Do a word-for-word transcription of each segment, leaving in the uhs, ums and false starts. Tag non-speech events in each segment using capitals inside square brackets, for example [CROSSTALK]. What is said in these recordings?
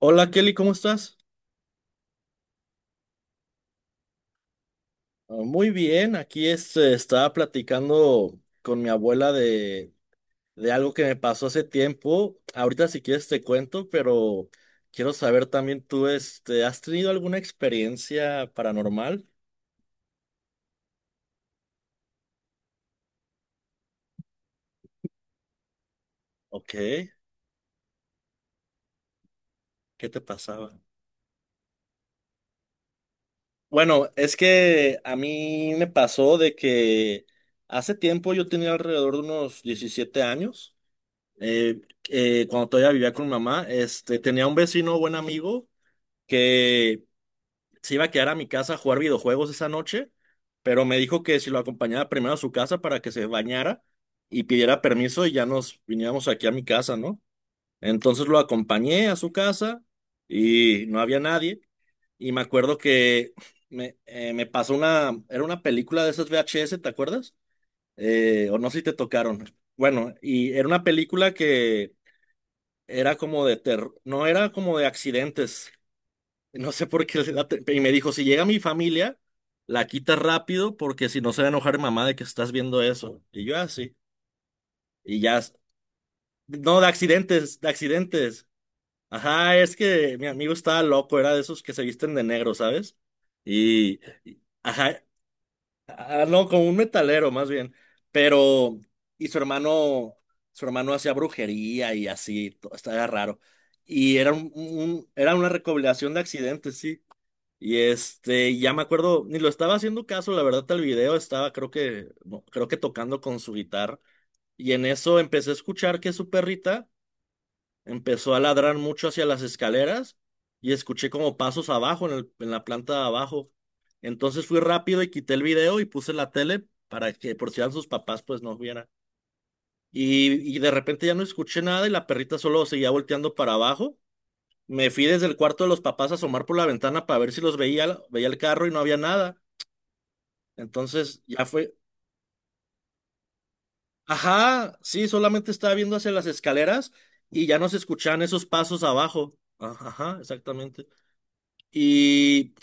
Hola Kelly, ¿cómo estás? Ah, Muy bien, aquí este, estaba platicando con mi abuela de, de algo que me pasó hace tiempo. Ahorita si quieres te cuento, pero quiero saber también tú, este, ¿has tenido alguna experiencia paranormal? Ok, ¿qué te pasaba? Bueno, es que a mí me pasó de que hace tiempo yo tenía alrededor de unos diecisiete años, eh, eh, cuando todavía vivía con mi mamá, este, tenía un vecino, buen amigo que se iba a quedar a mi casa a jugar videojuegos esa noche, pero me dijo que si lo acompañaba primero a su casa para que se bañara y pidiera permiso y ya nos viniéramos aquí a mi casa, ¿no? Entonces lo acompañé a su casa y no había nadie. Y me acuerdo que [LAUGHS] me, eh, me pasó una, era una película de esas V H S, ¿te acuerdas? Eh, o no sé si te tocaron. Bueno, y era una película que era como de terror, no era como de accidentes, no sé por qué. la te- Y me dijo, si llega mi familia, la quita rápido porque si no se va a enojar mi mamá de que estás viendo eso. Y yo así. Y ya. s- No, de accidentes, de accidentes. Ajá, es que mi amigo estaba loco, era de esos que se visten de negro, ¿sabes? Y, y- ajá, ah, no, como un metalero más bien. Pero, y su hermano, su hermano hacía brujería y así, to- estaba raro. Y era un, un- era una recopilación de accidentes, sí. Y este, ya me acuerdo, ni lo estaba haciendo caso, la verdad, al video estaba, creo que, no, creo que tocando con su guitarra. Y en eso empecé a escuchar que su perrita empezó a ladrar mucho hacia las escaleras y escuché como pasos abajo, en el- en la planta de abajo. Entonces fui rápido y quité el video y puse la tele para que por si eran sus papás, pues no vieran. Y, y de repente ya no escuché nada y la perrita solo seguía volteando para abajo. Me fui desde el cuarto de los papás a asomar por la ventana para ver si los veía, veía el carro y no había nada. Entonces ya fue. Ajá, sí, solamente estaba viendo hacia las escaleras y ya no se escuchaban esos pasos abajo. Ah, ajá, exactamente. Y,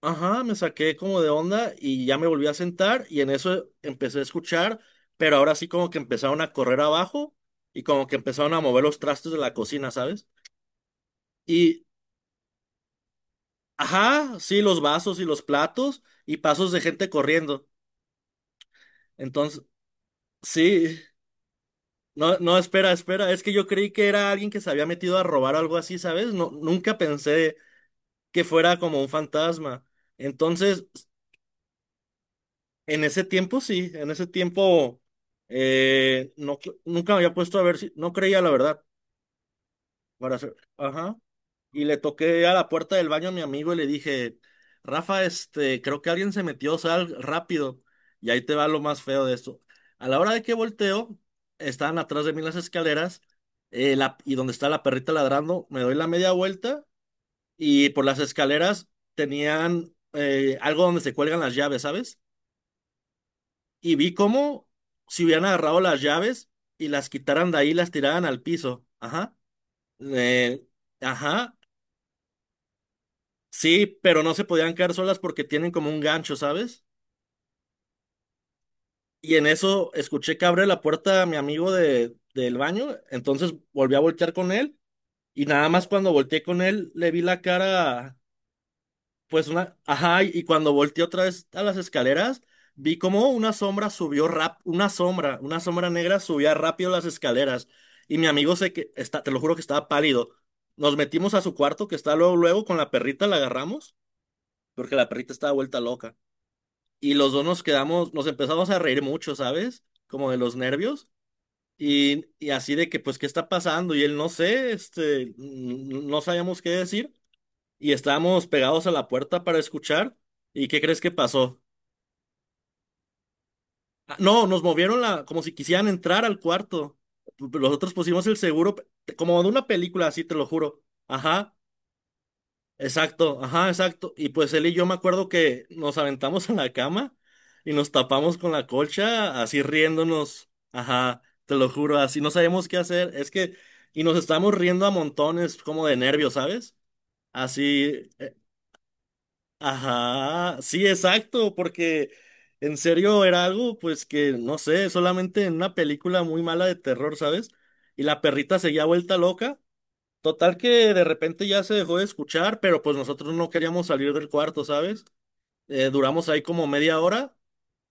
ajá, me saqué como de onda y ya me volví a sentar y en eso empecé a escuchar, pero ahora sí como que empezaron a correr abajo y como que empezaron a mover los trastes de la cocina, ¿sabes? Y, ajá, sí, los vasos y los platos y pasos de gente corriendo. Entonces, sí. No, no, espera, espera. Es que yo creí que era alguien que se había metido a robar o algo así, ¿sabes? No, nunca pensé que fuera como un fantasma. Entonces, en ese tiempo sí, en ese tiempo eh, no, nunca me había puesto a ver si, no creía la verdad para hacer. Ajá. Y le toqué a la puerta del baño a mi amigo y le dije, Rafa, este, creo que alguien se metió, sal rápido. Y ahí te va lo más feo de esto. A la hora de que volteo, estaban atrás de mí las escaleras, eh, la- y donde está la perrita ladrando, me doy la media vuelta y por las escaleras tenían eh, algo donde se cuelgan las llaves, ¿sabes? Y vi cómo si hubieran agarrado las llaves y las quitaran de ahí, las tiraran al piso. Ajá. Eh, ajá. Sí, pero no se podían quedar solas porque tienen como un gancho, ¿sabes? Y en eso escuché que abre la puerta a mi amigo de, del baño, entonces volví a voltear con él y nada más cuando volteé con él le vi la cara, pues una, ajá, y cuando volteé otra vez a las escaleras, vi como una sombra subió rap, una sombra, una sombra negra subía rápido las escaleras y mi amigo se que está, te lo juro que estaba pálido. Nos metimos a su cuarto que está luego, luego con la perrita la agarramos porque la perrita estaba vuelta loca. Y los dos nos quedamos, nos empezamos a reír mucho, ¿sabes? Como de los nervios. Y, y así de que, pues, ¿qué está pasando? Y él, no sé, este, n- no sabíamos qué decir. Y estábamos pegados a la puerta para escuchar. ¿Y qué crees que pasó? Ah, no, nos movieron la, como si quisieran entrar al cuarto. Nosotros pusimos el seguro, como de una película, así te lo juro. Ajá. Exacto, ajá, exacto. Y pues él y yo me acuerdo que nos aventamos [LAUGHS] en la cama y nos tapamos con la colcha, así riéndonos. Ajá, te lo juro, así no sabemos qué hacer. Es que, y nos estamos riendo a montones, como de nervios, ¿sabes? Así, eh, ajá, sí, exacto, porque en serio era algo, pues que, no sé, solamente en una película muy mala de terror, ¿sabes? Y la perrita seguía vuelta loca. Total que de repente ya se dejó de escuchar, pero pues nosotros no queríamos salir del cuarto, ¿sabes? Eh, duramos ahí como media hora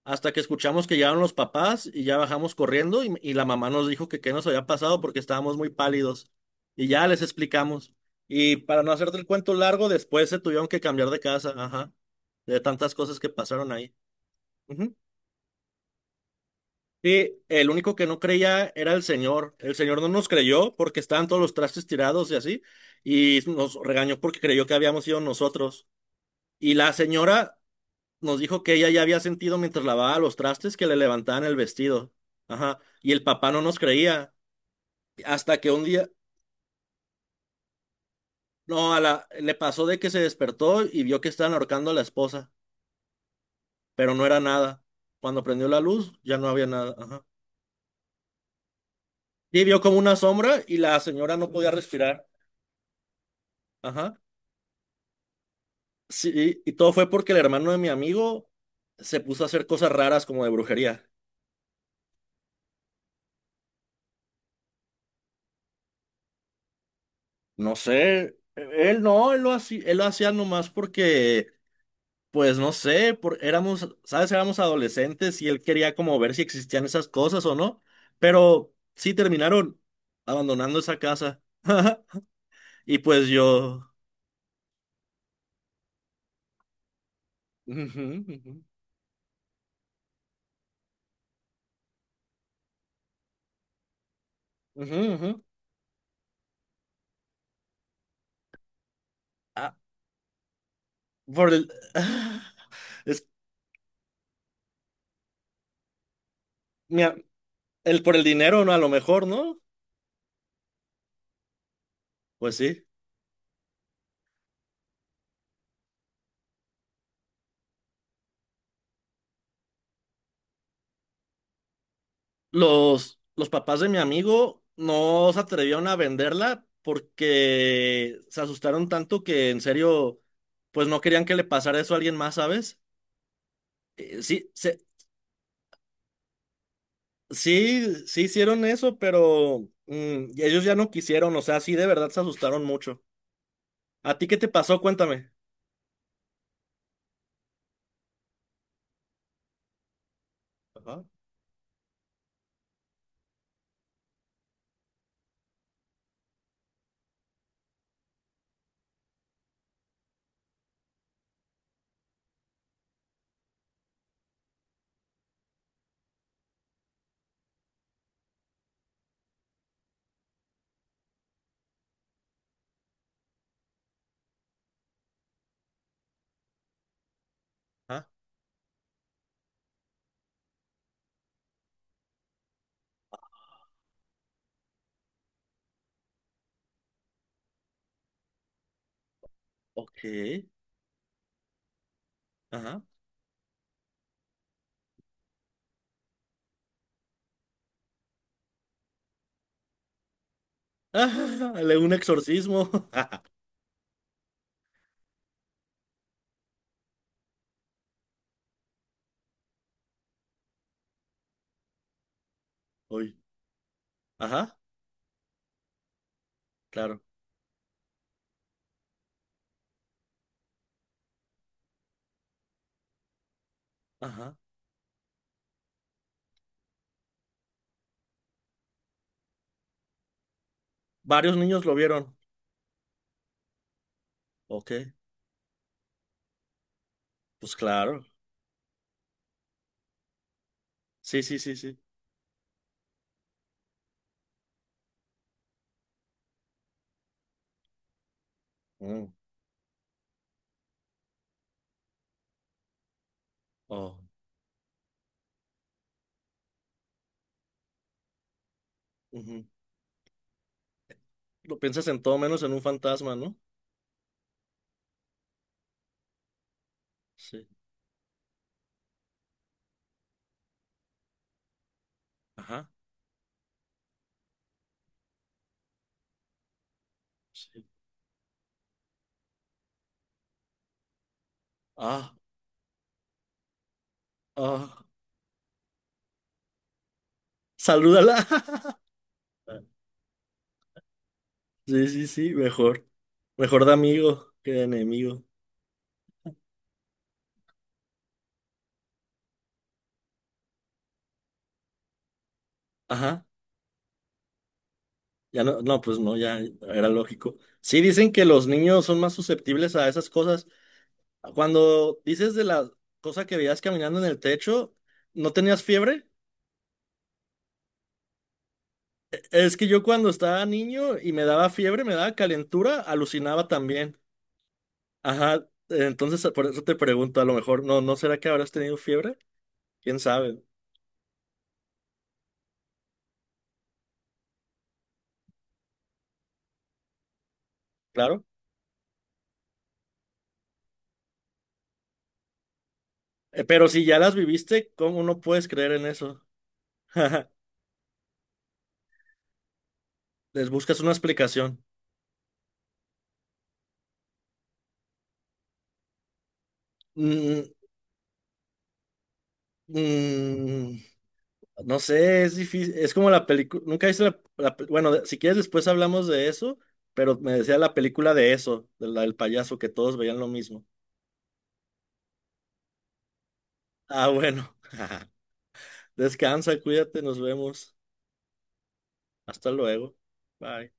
hasta que escuchamos que llegaron los papás y ya bajamos corriendo y, y la mamá nos dijo que qué nos había pasado porque estábamos muy pálidos y ya les explicamos. Y para no hacerte el cuento largo, después se tuvieron que cambiar de casa, ajá, de tantas cosas que pasaron ahí. Sí, el único que no creía era el señor. El señor no nos creyó porque estaban todos los trastes tirados y así, y nos regañó porque creyó que habíamos sido nosotros. Y la señora nos dijo que ella ya había sentido mientras lavaba los trastes que le levantaban el vestido. Ajá. Y el papá no nos creía. Hasta que un día, no, a la, le pasó de que se despertó y vio que estaban ahorcando a la esposa, pero no era nada. Cuando prendió la luz, ya no había nada. Ajá. Y vio como una sombra y la señora no podía respirar. Ajá. Sí, y todo fue porque el hermano de mi amigo se puso a hacer cosas raras como de brujería. No sé, e-, él no, él lo hacía, él lo hacía nomás porque, pues no sé, por, éramos, ¿sabes? Éramos adolescentes y él quería como ver si existían esas cosas o no, pero sí terminaron abandonando esa casa. [LAUGHS] Y pues yo... Ujú, ujú, ujú, ujú. Ah, por el... [LAUGHS] [SIGHS] Es, mira, el por el dinero, ¿no? A lo mejor, ¿no? Pues sí. Los, los papás de mi amigo no se atrevieron a venderla porque se asustaron tanto que en serio, pues no querían que le pasara eso a alguien más, ¿sabes? Eh, sí, se- sí, sí hicieron eso, pero mm, ellos ya no quisieron, o sea, sí de verdad se asustaron mucho. ¿A ti qué te pasó? Cuéntame. Ajá. Ah, ok. Ajá. [LAUGHS] Ajá, le- un exorcismo. [LAUGHS] Uy. Ajá, claro. Ajá. Varios niños lo vieron. Ok, pues claro. Sí, sí, sí, sí. Mm. Oh, ujú. Lo piensas en todo menos en un fantasma, ¿no? Sí. Ajá. Sí. Ah, ah. Salúdala. [LAUGHS] Sí, sí, sí, mejor. Mejor de amigo que de enemigo. Ajá. Ya no, no, pues no, ya era lógico. Sí, dicen que los niños son más susceptibles a esas cosas. Cuando dices de la cosa que veías caminando en el techo, ¿no tenías fiebre? Es que yo cuando estaba niño y me daba fiebre, me daba calentura, alucinaba también. Ajá, entonces por eso te pregunto, a lo mejor, no, ¿no será que habrás tenido fiebre? ¿Quién sabe? Claro. Eh, pero si ya las viviste, ¿cómo no puedes creer en eso? [LAUGHS] Les buscas una explicación. Mm, mm, no sé, es difícil, es como la película, nunca viste la, la pe- bueno, de- si quieres después hablamos de eso, pero me decía la película de eso, de la del payaso, que todos veían lo mismo. Ah, bueno. [LAUGHS] Descansa, cuídate, nos vemos. Hasta luego. Bye.